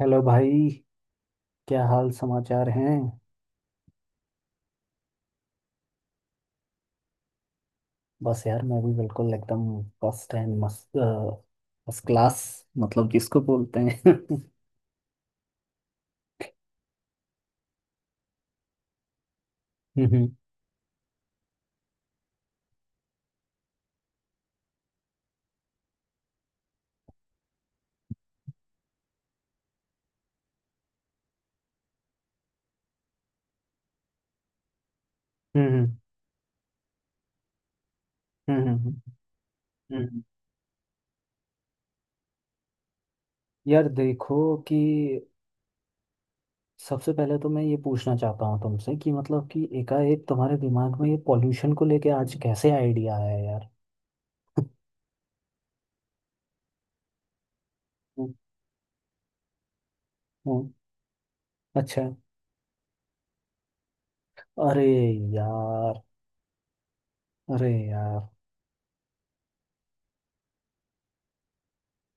Hello भाई। क्या हाल समाचार हैं? बस यार, मैं भी बिल्कुल एकदम फर्स्ट एंड मस्त, फर्स्ट क्लास, मतलब जिसको बोलते हैं। हम्म, हम्म, हम्म, हम्म। यार देखो, कि सबसे पहले तो मैं ये पूछना चाहता हूँ तुमसे कि मतलब कि एकाएक तुम्हारे दिमाग में ये पॉल्यूशन को लेके आज कैसे आइडिया आया यार? हम्म, हम्म, अच्छा। अरे यार, अरे यार,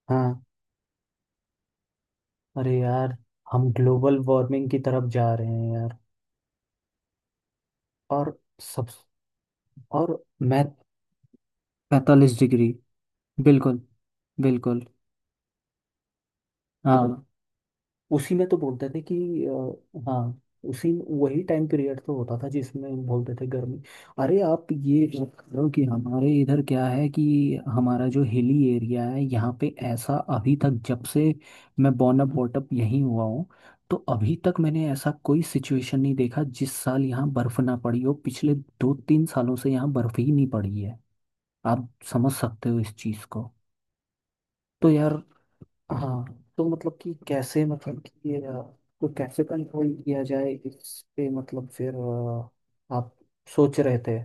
हाँ, अरे यार, हम ग्लोबल वार्मिंग की तरफ जा रहे हैं, और सब। और मैथ, 45 डिग्री, बिल्कुल, बिल्कुल। हाँ, उसी में तो बोलते थे कि हाँ, उसी वही टाइम पीरियड तो होता था जिसमें बोलते थे गर्मी। अरे आप ये चेक करो कि हमारे इधर क्या है, कि हमारा जो हिली एरिया है, यहाँ पे ऐसा अभी तक, जब से मैं बॉर्न अप बॉट अप यहीं हुआ हूँ, तो अभी तक मैंने ऐसा कोई सिचुएशन नहीं देखा जिस साल यहाँ बर्फ ना पड़ी हो। पिछले 2-3 सालों से यहाँ बर्फ ही नहीं पड़ी है। आप समझ सकते हो इस चीज को। तो यार, हाँ, तो मतलब कि कैसे मतलब कि ये अ, तो कैसे कंट्रोल किया जाए इस पे, मतलब फिर आप सोच रहे थे?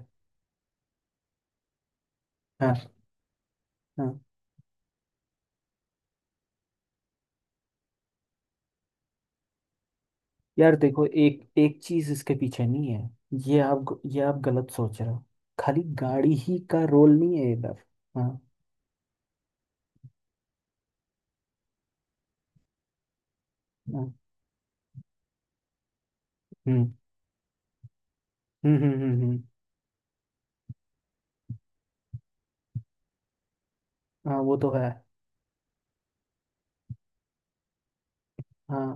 हाँ, हाँ, यार देखो एक एक चीज इसके पीछे नहीं है। ये आप गलत सोच रहे हो। खाली गाड़ी ही का रोल नहीं है इधर। हाँ, हाँ, हम्म, हम्म, हम्म, हम्म, हाँ वो तो है। हाँ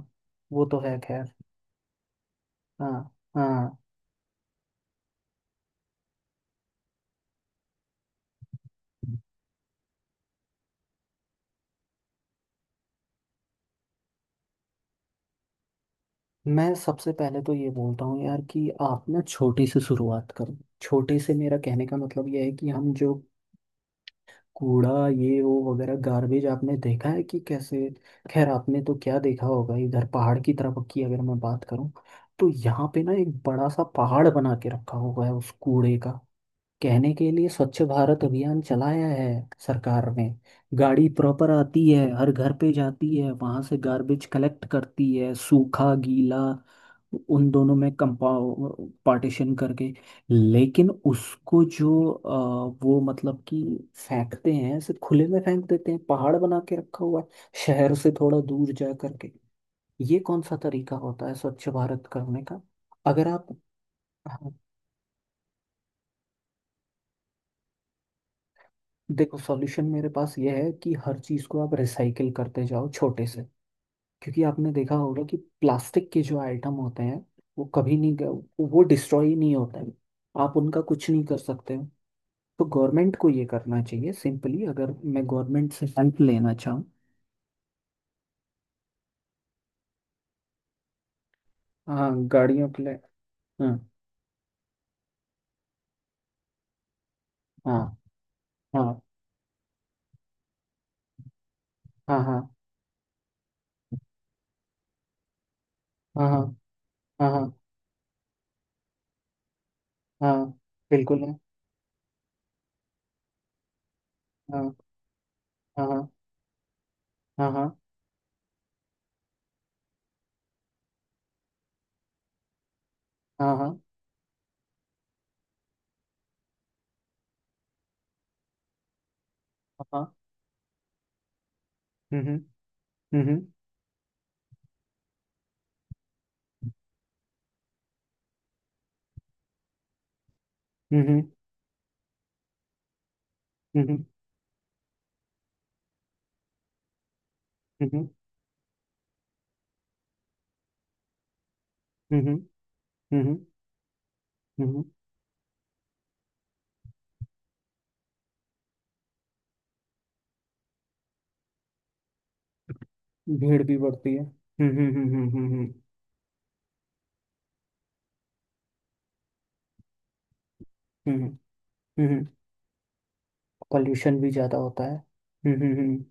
वो तो है खैर। हाँ, हाँ, मैं सबसे पहले तो ये बोलता हूँ यार कि आप ना छोटे से शुरुआत करो। छोटे से मेरा कहने का मतलब यह है कि हम जो कूड़ा, ये वो वगैरह गार्बेज, आपने देखा है कि कैसे। खैर, आपने तो क्या देखा होगा, इधर पहाड़ की तरफ की अगर मैं बात करूँ, तो यहाँ पे ना एक बड़ा सा पहाड़ बना के रखा हुआ है उस कूड़े का। कहने के लिए स्वच्छ भारत अभियान चलाया है सरकार ने। गाड़ी प्रॉपर आती है हर घर पे, जाती है वहां से गार्बेज कलेक्ट करती है, सूखा गीला उन दोनों में कंपाउ पार्टीशन करके। लेकिन उसको जो वो, मतलब कि फेंकते हैं ऐसे खुले में फेंक देते हैं। पहाड़ बना के रखा हुआ है शहर से थोड़ा दूर जा करके। ये कौन सा तरीका होता है स्वच्छ भारत करने का? अगर आप देखो, सॉल्यूशन मेरे पास यह है कि हर चीज़ को आप रिसाइकिल करते जाओ, छोटे से। क्योंकि आपने देखा होगा कि प्लास्टिक के जो आइटम होते हैं, वो कभी नहीं ग- वो डिस्ट्रॉय नहीं होते हैं। आप उनका कुछ नहीं कर सकते हो। तो गवर्नमेंट को ये करना चाहिए सिंपली, अगर मैं गवर्नमेंट से हेल्प लेना चाहूँ। हाँ, गाड़ियों के लिए, हाँ, हाँ, हाँ, हाँ, हाँ, हाँ, हाँ, हाँ, हाँ, हाँ, बिल्कुल है। हाँ, हाँ, हाँ, हाँ, हाँ, हाँ, हाँ, हाँ, हम्म, हम्म, हम्म, हम्म, हम्म, हम्म, हम्म, हम्म, हम्म। हम्म, हम्म, भीड़ भी बढ़ती है। हम्म, हम्म, हम्म, हम्म, हम्म, हम्म, हम्म। पॉल्यूशन भी ज़्यादा होता है। हम्म, हम्म,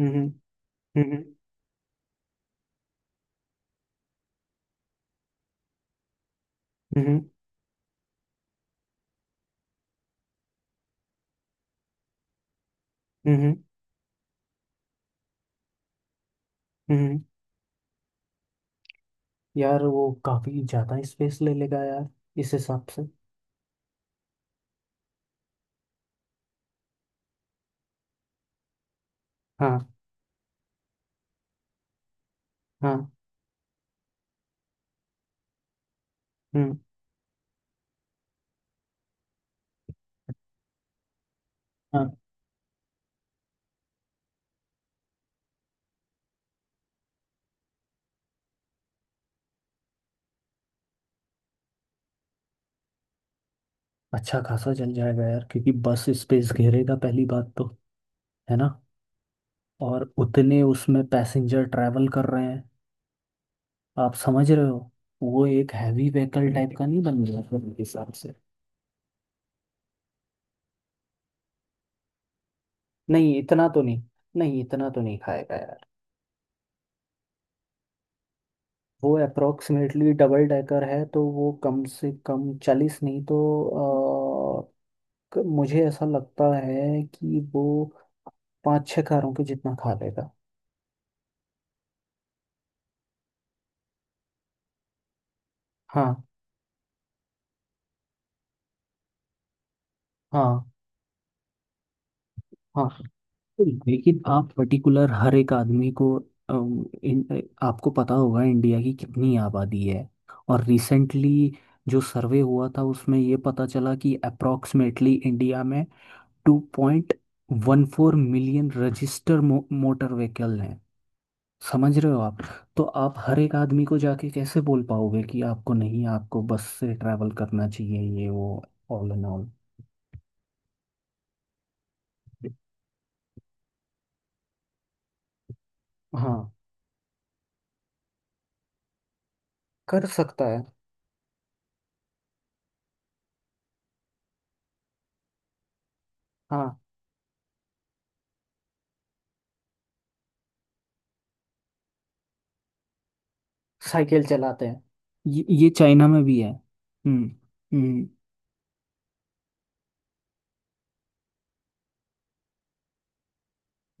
हम्म, हम्म, हम्म, हम्म, हम्म, हम्म, हम्म, हम्म, हम्म, हम्म। यार वो काफ़ी ज़्यादा स्पेस ले लेगा यार, इस हिसाब से। हाँ, हाँ, हम्म, हाँ। अच्छा खासा जल जाएगा यार, क्योंकि बस स्पेस घेरेगा पहली बात तो, है ना? और उतने उसमें पैसेंजर ट्रैवल कर रहे हैं। आप समझ रहे हो? वो एक हैवी व्हीकल टाइप का नहीं बन गया फिर मेरे हिसाब से? नहीं इतना तो नहीं नहीं इतना तो नहीं खाएगा यार। वो अप्रोक्सीमेटली डबल डेकर है, तो वो कम से कम 40, नहीं तो अ, मुझे ऐसा लगता है कि वो पाँच छः कारों के जितना खा लेगा। हाँ, हाँ, हाँ, लेकिन आप पर्टिकुलर हर एक आदमी को, आपको पता होगा इंडिया की कितनी आबादी है। और रिसेंटली जो सर्वे हुआ था उसमें ये पता चला कि अप्रोक्सीमेटली इंडिया में 2.14 मिलियन रजिस्टर मोटर व्हीकल हैं। समझ रहे हो आप? तो आप हर एक आदमी को जाके कैसे बोल पाओगे कि आपको नहीं, आपको बस से ट्रैवल करना चाहिए, ये वो, ऑल एंड ऑल। हाँ, कर सकता है। हाँ, साइकिल चलाते हैं। ये चाइना में भी है। हम्म, हम्म,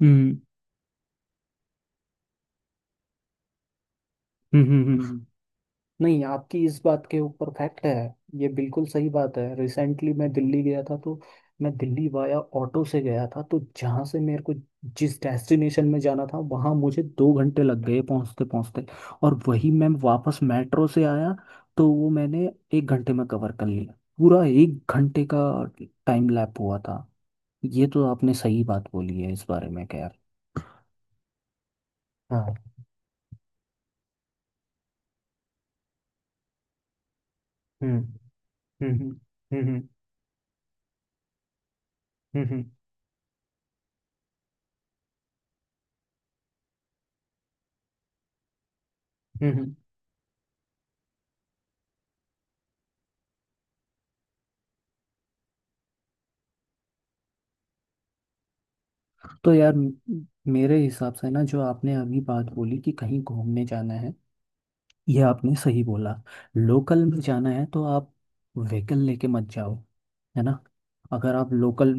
हम्म, हम्म, हम्म, हम्म। नहीं, आपकी इस बात के ऊपर फैक्ट है। ये बिल्कुल सही बात है। रिसेंटली मैं दिल्ली गया था, तो मैं दिल्ली वाया ऑटो से गया था। तो जहाँ से मेरे को जिस डेस्टिनेशन में जाना था, वहाँ मुझे 2 घंटे लग गए पहुँचते पहुँचते। और वही मैं वापस मेट्रो से आया, तो वो मैंने 1 घंटे में कवर कर लिया। पूरा एक घंटे का टाइम लैप हुआ था। ये तो आपने सही बात बोली है इस बारे में, खैर। हाँ, हम्म, हम्म, हम्म, हम्म, हम्म, हम्म, हम्म, हम्म। तो यार मेरे हिसाब से ना, जो आपने अभी बात बोली कि कहीं घूमने जाना है, ये आपने सही बोला। लोकल में जाना है, तो आप व्हीकल लेके मत जाओ, है ना? अगर आप लोकल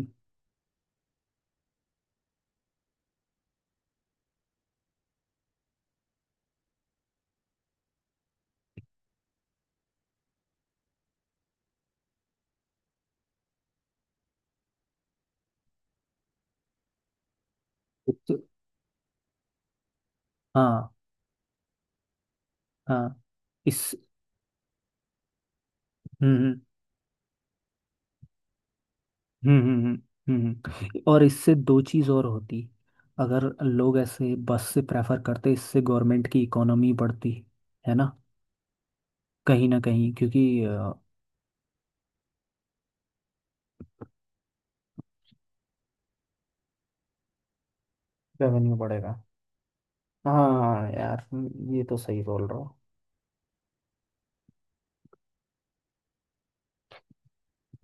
तो, हाँ, हाँ, इस, हम्म, हम्म, हम्म, हम्म, हम्म, और इससे दो चीज़ और होती। अगर लोग ऐसे बस से प्रेफर करते, इससे गवर्नमेंट की इकोनॉमी बढ़ती, है ना? कहीं ना कहीं, क्योंकि रेवेन्यू बढ़ेगा। हाँ यार, ये तो सही बोल रहा हो।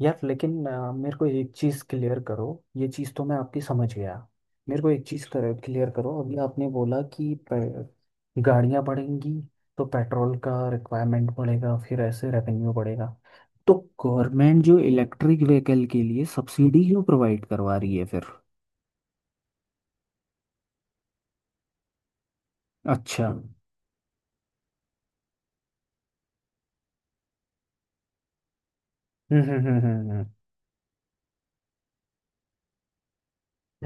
यार लेकिन मेरे को एक चीज़ क्लियर करो, ये चीज़ तो मैं आपकी समझ गया। मेरे को एक चीज़ क्लियर करो, अभी आपने बोला कि गाड़ियाँ बढ़ेंगी, तो पेट्रोल का रिक्वायरमेंट बढ़ेगा, फिर ऐसे रेवेन्यू बढ़ेगा। तो गवर्नमेंट जो इलेक्ट्रिक व्हीकल के लिए सब्सिडी क्यों प्रोवाइड करवा रही है फिर? अच्छा, हम्म, हम्म, हम्म, हम्म,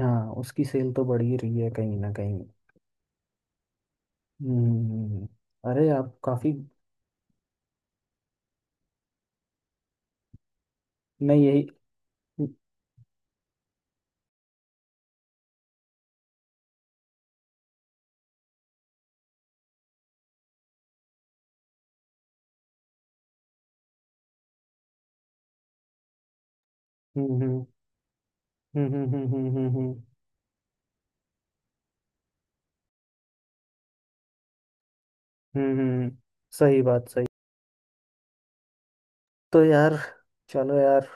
हाँ, उसकी सेल तो बढ़ ही रही है कहीं ना कहीं। हम्म, अरे आप काफ़ी, मैं यही, हम्म, हम्म, हम्म, हम्म, हम्म, हम्म, हम्म, हम्म, सही बात, सही। तो यार, चलो यार,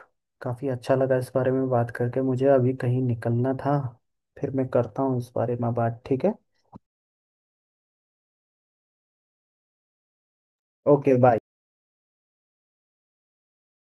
काफ़ी अच्छा लगा इस बारे में बात करके। मुझे अभी कहीं निकलना था, फिर मैं करता हूँ इस बारे में बात, ठीक है? Okay bye.